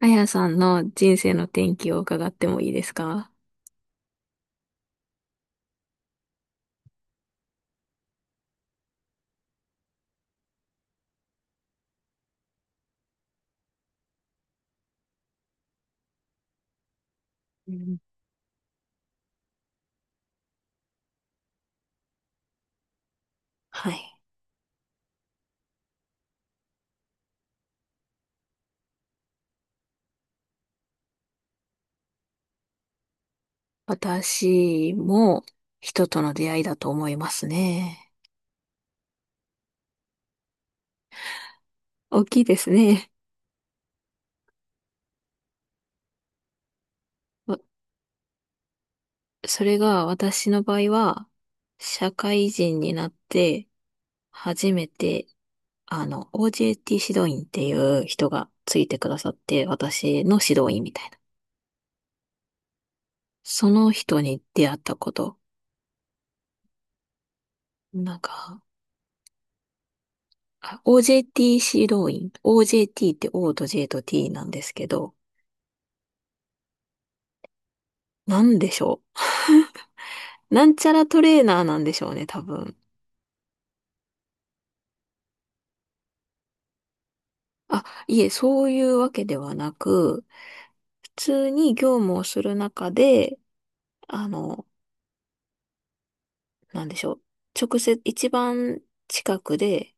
あやさんの人生の転機を伺ってもいいですか？はい。私も人との出会いだと思いますね。大きいですね。わそれが私の場合は、社会人になって初めて、OJT 指導員っていう人がついてくださって、私の指導員みたいな。その人に出会ったこと。なんか、あ OJT 指導員。OJT って O と J と T なんですけど、なんでしょう。なんちゃらトレーナーなんでしょうね、多分。あ、いえ、そういうわけではなく、普通に業務をする中で、あの、なんでしょう。直接、一番近くで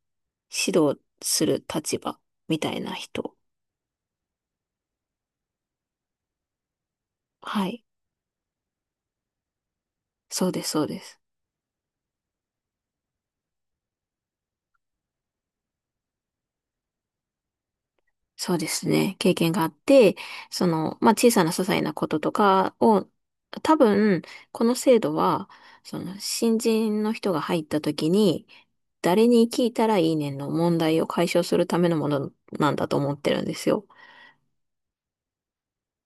指導する立場みたいな人。はい。そうです、そうです。そうですね。経験があって、まあ、小さな些細なこととかを、多分、この制度は、新人の人が入った時に、誰に聞いたらいいねんの問題を解消するためのものなんだと思ってるんですよ。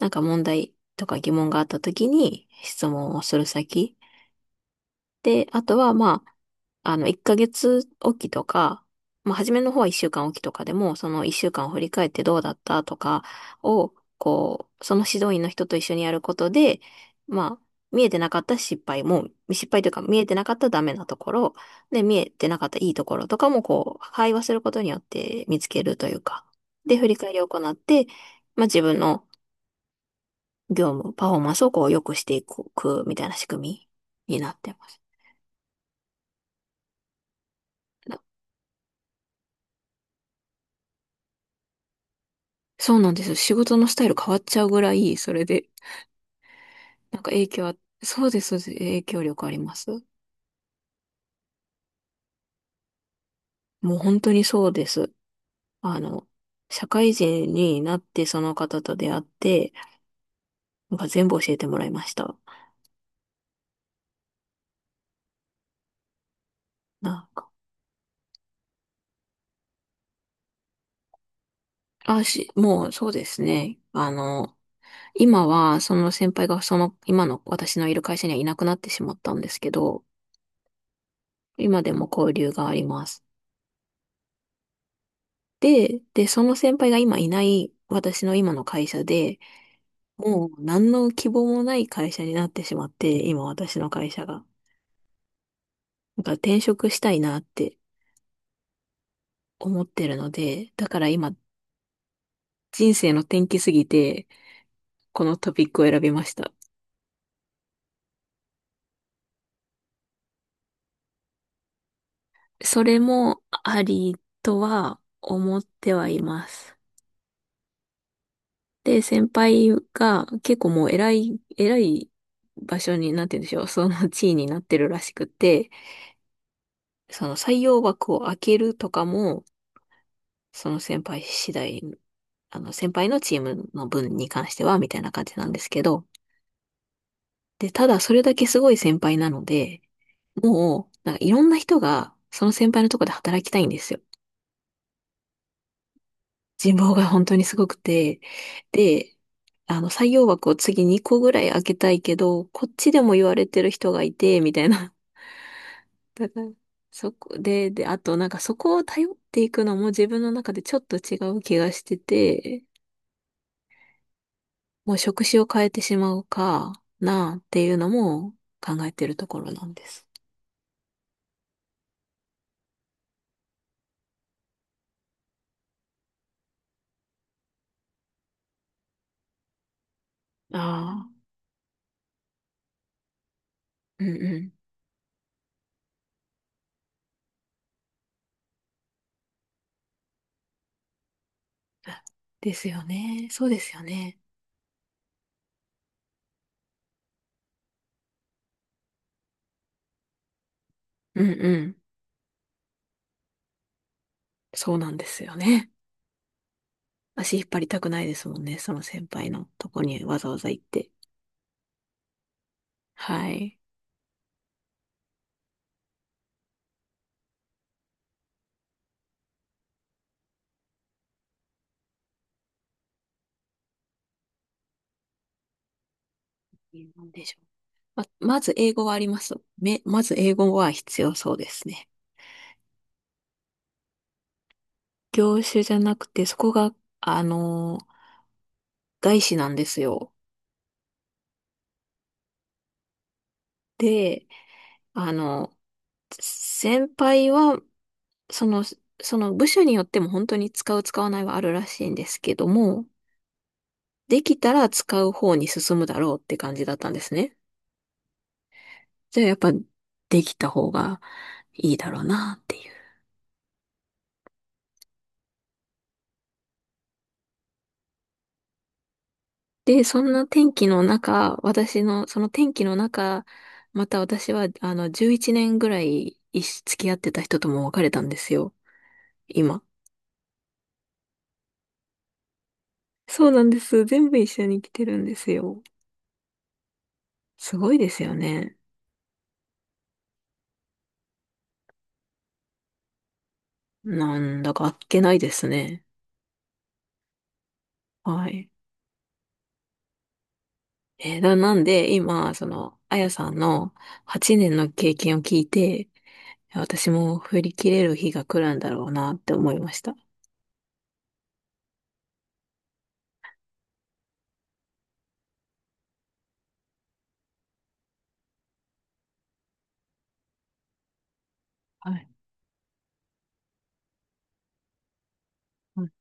なんか問題とか疑問があった時に質問をする先で、あとは、まあ、1ヶ月おきとか、まあ、初めの方は1週間おきとかでも、その1週間を振り返ってどうだったとかを、こう、その指導員の人と一緒にやることで、まあ、見えてなかった失敗も、失敗というか見えてなかったダメなところ、で、見えてなかったいいところとかも、こう、会話することによって見つけるというか、で、振り返りを行って、まあ、自分の業務、パフォーマンスをこう、良くしていくみたいな仕組みになってます。そうなんですよ。仕事のスタイル変わっちゃうぐらい、それで、なんか影響は、そうです、そうです、影響力あります。もう本当にそうです。あの、社会人になってその方と出会って、なんか全部教えてもらいました。なんか、もうそうですね。今は、その先輩が今の私のいる会社にはいなくなってしまったんですけど、今でも交流があります。で、その先輩が今いない私の今の会社で、もう何の希望もない会社になってしまって、今私の会社が。だから転職したいなって思ってるので、だから今人生の転機すぎて、このトピックを選びました。それもありとは思ってはいます。で、先輩が結構もう偉い、偉い場所になんて言うんでしょう。その地位になってるらしくて、その採用枠を開けるとかも、その先輩次第、先輩のチームの分に関しては、みたいな感じなんですけど、で、ただそれだけすごい先輩なので、もう、なんかいろんな人が、その先輩のとこで働きたいんですよ。人望が本当にすごくて、で、採用枠を次2個ぐらい開けたいけど、こっちでも言われてる人がいて、みたいな。だから、そこで、で、あとなんかそこを頼っていくのも自分の中でちょっと違う気がしてて、もう職種を変えてしまうかなっていうのも考えてるところなんです。ああ、うんうん。あですよね。そうですよね。うんうん。そうなんですよね。足引っ張りたくないですもんね。その先輩のとこにわざわざ行って。はい。なんでしょう。まず英語はあります。まず英語は必要そうですね。業種じゃなくて、そこが、あの、外資なんですよ。で、あの、先輩は、その、その部署によっても本当に使う使わないはあるらしいんですけども、できたら使う方に進むだろうって感じだったんですね。じゃあやっぱできた方がいいだろうなっていう。で、そんな天気の中、私の、その天気の中、また私は11年ぐらい一緒付き合ってた人とも別れたんですよ。今。そうなんです。全部一緒に来てるんですよ。すごいですよね。なんだかあっけないですね。はい。なんで、今、あやさんの8年の経験を聞いて、私も振り切れる日が来るんだろうなって思いました。うん、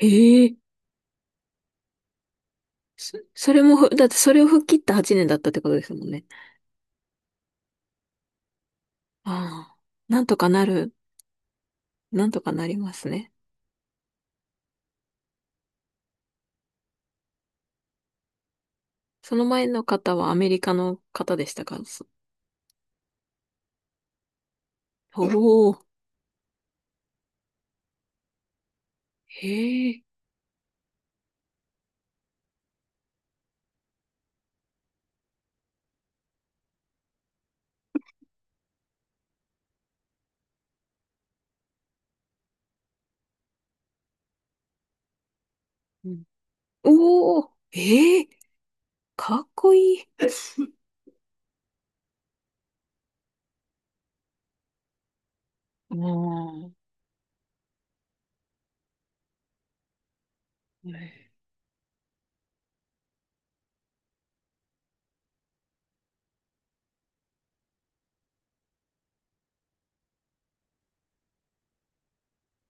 ええ。それもだってそれを吹っ切った8年だったってことですもんね。ああ、なんとかなる、なんとかなりますね。その前の方はアメリカの方でしたか？おー、へえ、うん、おー、ええ、かっこいい。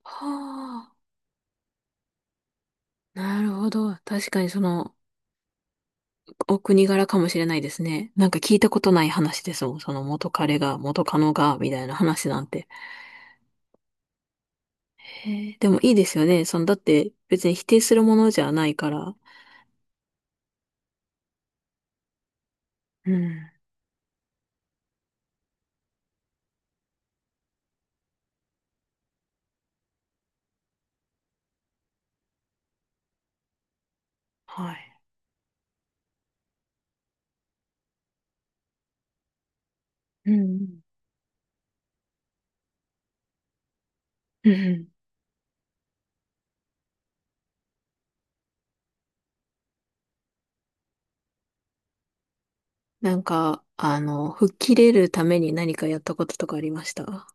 はあ。なるほど。確かにお国柄かもしれないですね。なんか聞いたことない話ですもん。その元彼が、元カノが、みたいな話なんて。へえ、でもいいですよね。だって別に否定するものじゃないから。うん。はい。うん。うんうん、なんか、吹っ切れるために何かやったこととかありました？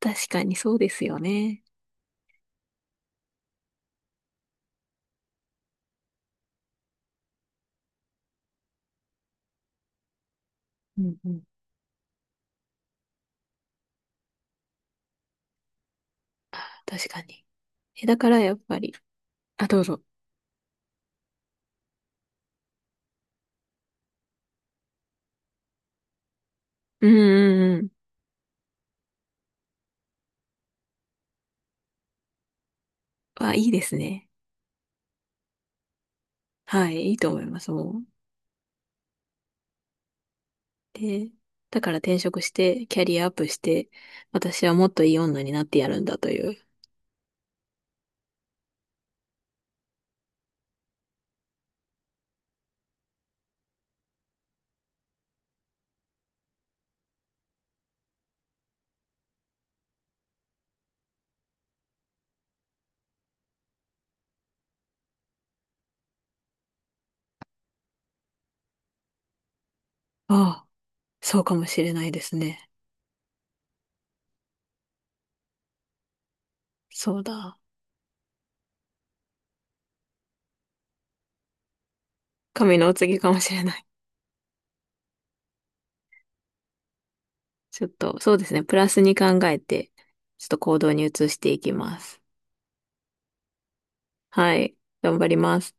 確かにそうですよね。うんうん。確かに。え、だからやっぱり。あ、どうぞ。うんうんうん。あ、いいですね。はい、いいと思います。もう。で、だから転職して、キャリアアップして、私はもっといい女になってやるんだという。ああ、そうかもしれないですね。そうだ。神のお告げかもしれない。ちょっと、そうですね。プラスに考えて、ちょっと行動に移していきます。はい。頑張ります。